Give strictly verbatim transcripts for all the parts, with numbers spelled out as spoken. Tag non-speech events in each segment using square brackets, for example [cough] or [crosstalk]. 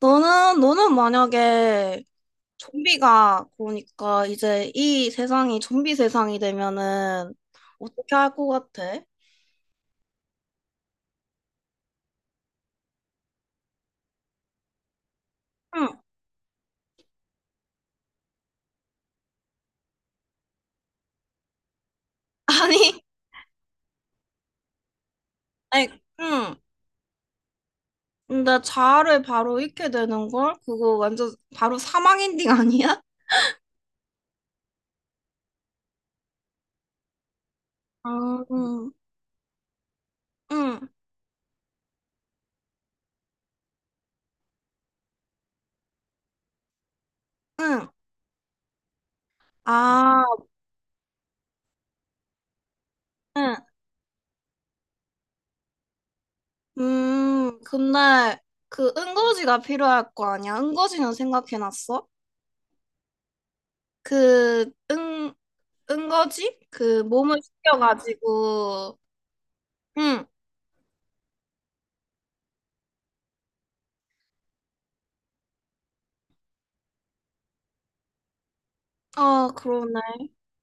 너는, 너는 만약에 좀비가 그러니까 이제 이 세상이 좀비 세상이 되면은 어떻게 할 것 같아? 응. [laughs] 아니, 아니, 응. 근데 자아를 바로 잃게 되는 걸? 그거 완전 바로 사망 엔딩 아니야? 아, 응 응, 응. 아, 응. 음, 근데 그 응거지가 필요할 거 아니야? 응거지는 생각해놨어? 그, 응, 은거지? 그 몸을 숙여가지고. 응. 아 그러네.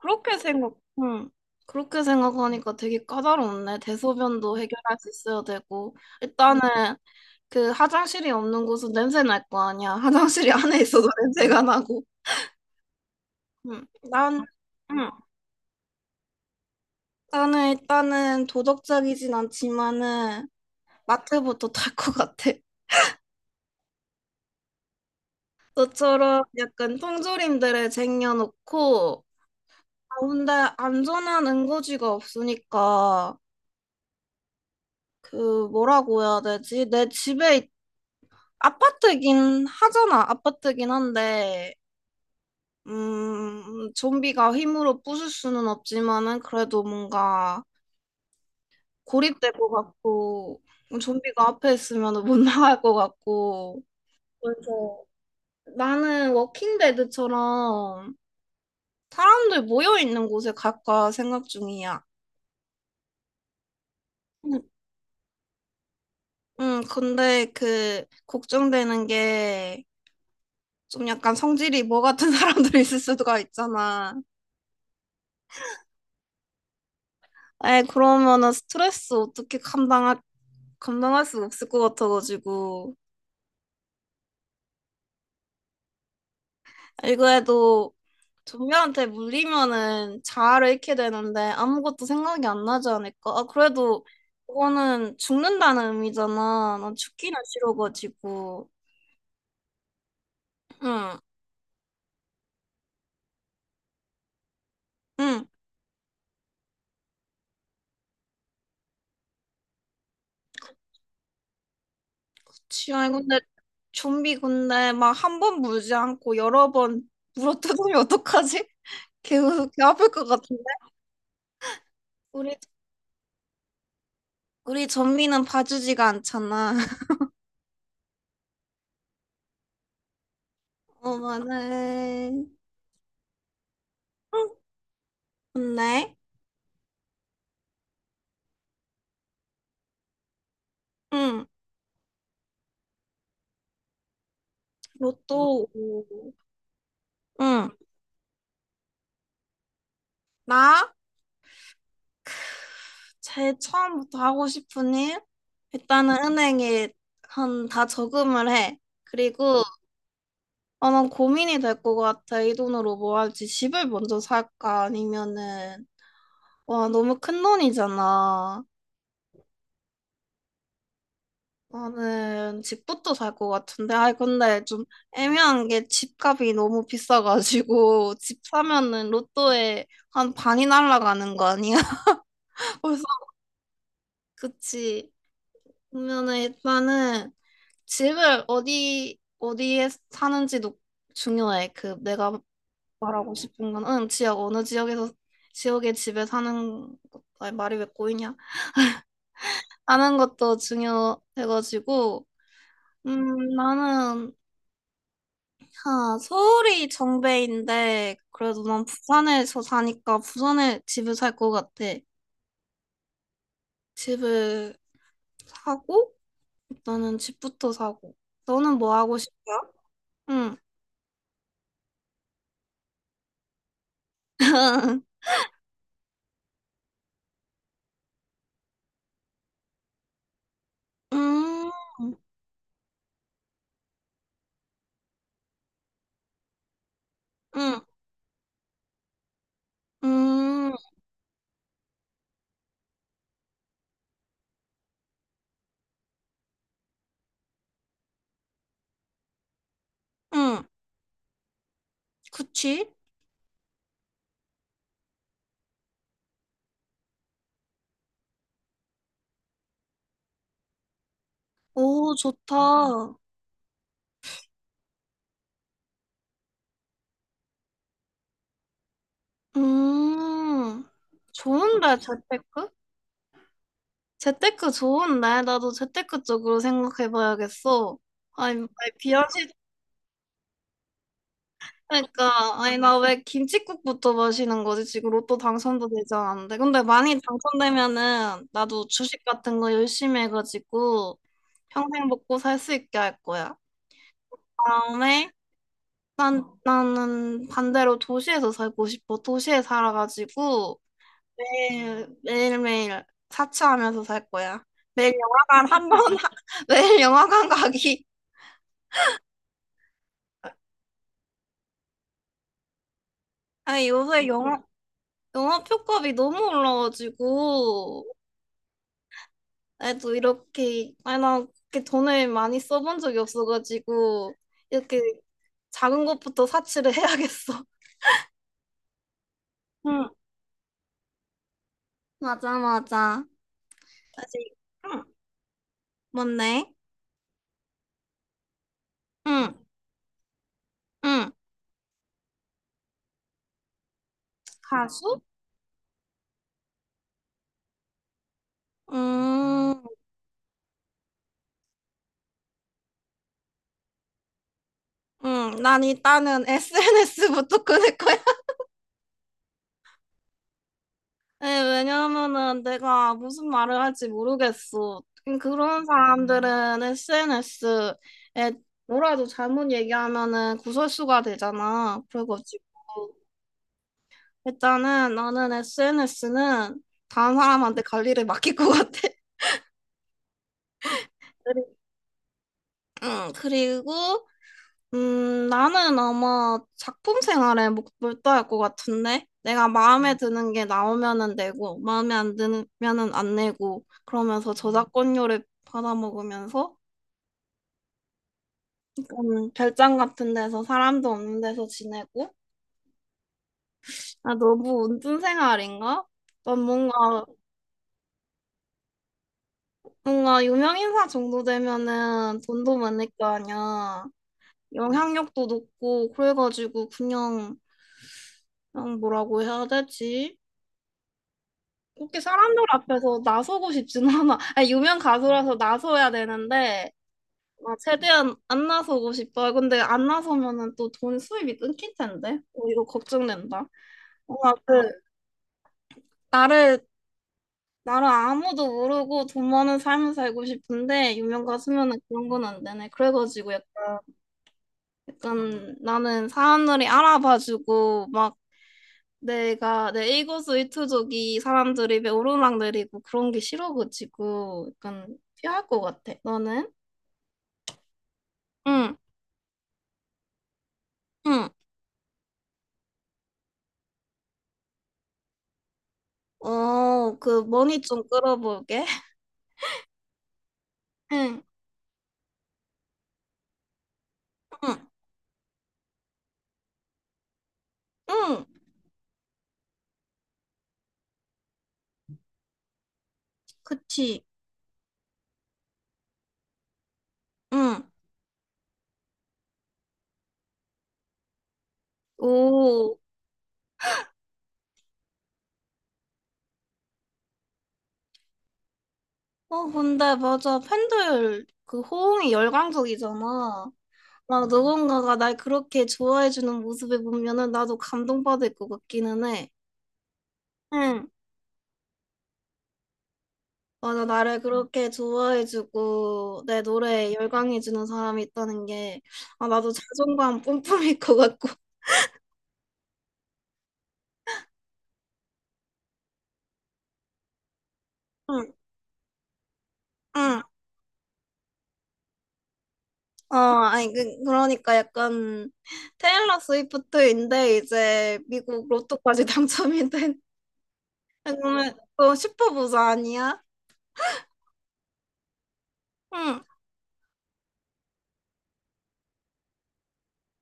그렇게 생각 응. 그렇게 생각하니까 되게 까다롭네. 대소변도 해결할 수 있어야 되고 일단은 그 화장실이 없는 곳은 냄새 날 거 아니야. [laughs] 화장실이 안에 있어도 [laughs] 냄새가 나고. 응. 난 응. 나는 일단은 도덕적이진 않지만은 마트부터 탈 것 같아. 너처럼 약간 통조림들을 쟁여놓고, 어, 근데 안전한 응고지가 없으니까 그 뭐라고 해야 되지? 내 집에 있- 아파트긴 하잖아. 아파트긴 한데 음 좀비가 힘으로 부술 수는 없지만은 그래도 뭔가 고립될 것 같고, 좀비가 앞에 있으면 못 [laughs] 나갈 것 같고. 그래서 나는 워킹데드처럼 사람들 모여 있는 곳에 갈까 생각 중이야. 응, 응, 근데 그 걱정되는 게 좀 약간 성질이 뭐 같은 [laughs] 사람들이 있을 수가 있잖아. 에, 그러면은 스트레스 어떻게 감당할, 감당할, 수 없을 것 같아가지고. 아, 이거 해도 좀비한테 물리면은 자아를 잃게 되는데 아무것도 생각이 안 나지 않을까? 아, 그래도 그거는 죽는다는 의미잖아. 난 죽기는 싫어가지고. 응, 응. 그치. 아니, 근데 좀비 근데 막 한 번 물지 않고 여러 번 물어뜯으면 어떡하지? [laughs] 개, 개 아플 것 같아. 우리 우리 전미는 봐주지가 않잖아. [laughs] 어머네. 응, 좋네. 응, 뭐, 로또. 오. 응, 나 제일 처음부터 하고 싶은 일, 일단은 은행에 한 다 저금을 해. 그리고, 어, 난 고민이 될 것 같아. 이 돈으로 뭐 할지, 집을 먼저 살까 아니면은, 와, 너무 큰 돈이잖아. 나는 집부터 살 것 같은데, 아이, 근데 좀 애매한 게 집값이 너무 비싸가지고, [laughs] 집 사면은 로또에 한 반이 날아가는 거 아니야? [laughs] 벌써, 그치. 그러면은 일단은 집을 어디, 어디에 사는지도 중요해. 그 내가 말하고 싶은 건, 응, 지역, 어느 지역에서, 지역의 집에 사는 것, 아니, 말이 왜 꼬이냐? 사는 것도 중요해가지고, 음, 나는, 아, 서울이 정배인데, 그래도 난 부산에서 사니까 부산에 집을 살 것 같아. 집을 사고, 일단은 집부터 사고. 너는 뭐 하고 싶어? 응. [laughs] 음, 응, 음, 응. 그치? 오, 좋다. 음, 좋은데, 재테크? 재테크 좋은데? 나도 재테크 쪽으로 생각해봐야겠어. 아니, 아니, 비현실 그러니까, 아니, 나 왜 김칫국부터 마시는 거지? 지금 로또 당첨도 되지 않았는데. 근데 많이 당첨되면은 나도 주식 같은 거 열심히 해가지고 평생 먹고 살 수 있게 할 거야. 다음에, 난 나는 반대로 도시에서 살고 싶어. 도시에 살아가지고 매일 매일매일 사치하면서 살 거야. 매일 영화관 한 번, [laughs] 매일 영화관 가기. 아니 요새 영화 영화 표값이 너무 올라가지고. 나도 이렇게, 아니, 나 이렇게 돈을 많이 써본 적이 없어가지고 이렇게 작은 것부터 사치를 [laughs] 해야겠어. 응. 맞아 맞아. 사실, 응. 뭔데? 응. 응. 가수? 음. 응, 난 일단은 에스엔에스부터 끊을 거야. 네, 왜냐면은 내가 무슨 말을 할지 모르겠어. 음, 그런 사람들은 에스엔에스에 뭐라도 잘못 얘기하면은 구설수가 되잖아. 그래가지고 일단은 나는 에스엔에스는 다른 사람한테 관리를 맡길 것 같아. [laughs] 응, 그리고, 음, 나는 아마 작품 생활에 목- 몰두할 것 같은데? 내가 마음에 드는 게 나오면은 내고, 마음에 안 드면은 안 내고, 그러면서 저작권료를 받아먹으면서, 음, 별장 같은 데서, 사람도 없는 데서 지내고. 아, 너무 운둔 생활인가? 난 뭔가, 뭔가, 유명인사 정도 되면은 돈도 많을 거 아니야. 영향력도 높고, 그래가지고 그냥, 그냥 뭐라고 해야 되지? 그렇게 사람들 앞에서 나서고 싶진 않아. 아니, 유명 가수라서 나서야 되는데, 막 최대한 안 나서고 싶어. 근데 안 나서면은 또 돈 수입이 끊길 텐데. 어, 이거 걱정된다. 뭔가 그, 나를, 나를 아무도 모르고 돈 많은 삶을 살고 싶은데, 유명 가수면은 그런 건 안 되네. 그래가지고 약- 약간 나는 사람들이 알아봐주고, 막 내가, 내 일거수 일투족이 사람들이 왜 오르락내리고 그런 게 싫어가지고 약간 피할 것 같아. 너는? 응, 응. 어, 그 머니 좀 끌어볼게. [laughs] 응, 응, 응. 그치. 응. 오. 어, 근데 맞아. 팬들 그 호응이 열광적이잖아. 막 누군가가 날 그렇게 좋아해주는 모습을 보면은 나도 감동받을 것 같기는 해. 응. 맞아, 나를 그렇게 좋아해주고 내 노래에 열광해주는 사람이 있다는 게. 아, 나도 자존감 뿜뿜일 것 같고. 응, 응. 어, 아니, 그, 그러니까 약간 테일러 스위프트인데 이제 미국 로또까지 [laughs] 당첨이 된. 아, 그러면 또 슈퍼부자 아니야? 응.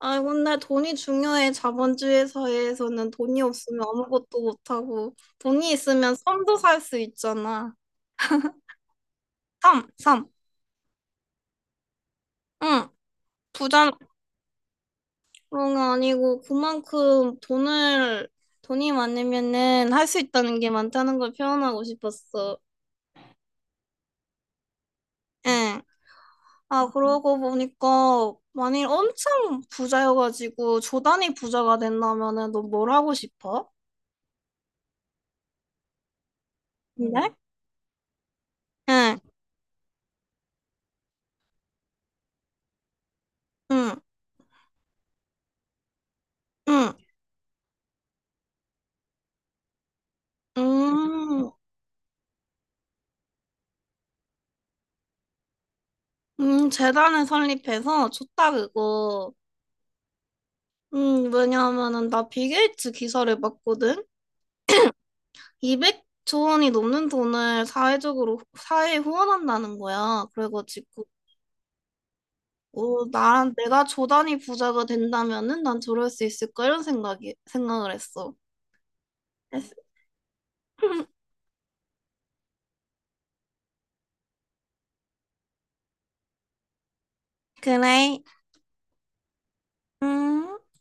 아, 근데 돈이 중요해. 자본주의 사회에서는 돈이 없으면 아무것도 못하고, 돈이 있으면 섬도 살 수 있잖아. 섬, 섬. 응. 부자는 그런 게 아니고 그만큼 돈을 돈이 많으면은 할 수 있다는 게 많다는 걸 표현하고 싶었어. 응. 아, 그러고 보니까, 만일 엄청 부자여가지고 조단이 부자가 된다면은 너 뭘 하고 싶어? 근데? 음. 응, 응, 응. 음, 음, 재단을 설립해서, 좋다 그거. 음, 왜냐하면은 나 빌게이츠 기사를 봤거든. 이백조 원이 넘는 돈을 사회적으로, 사회에 후원한다는 거야. 그래가지고, 어, 나, 내가 조단위 부자가 된다면은 난 저럴 수 있을까? 이런 생각이, 생각을 했어. 그래서 [laughs] 그래. 음.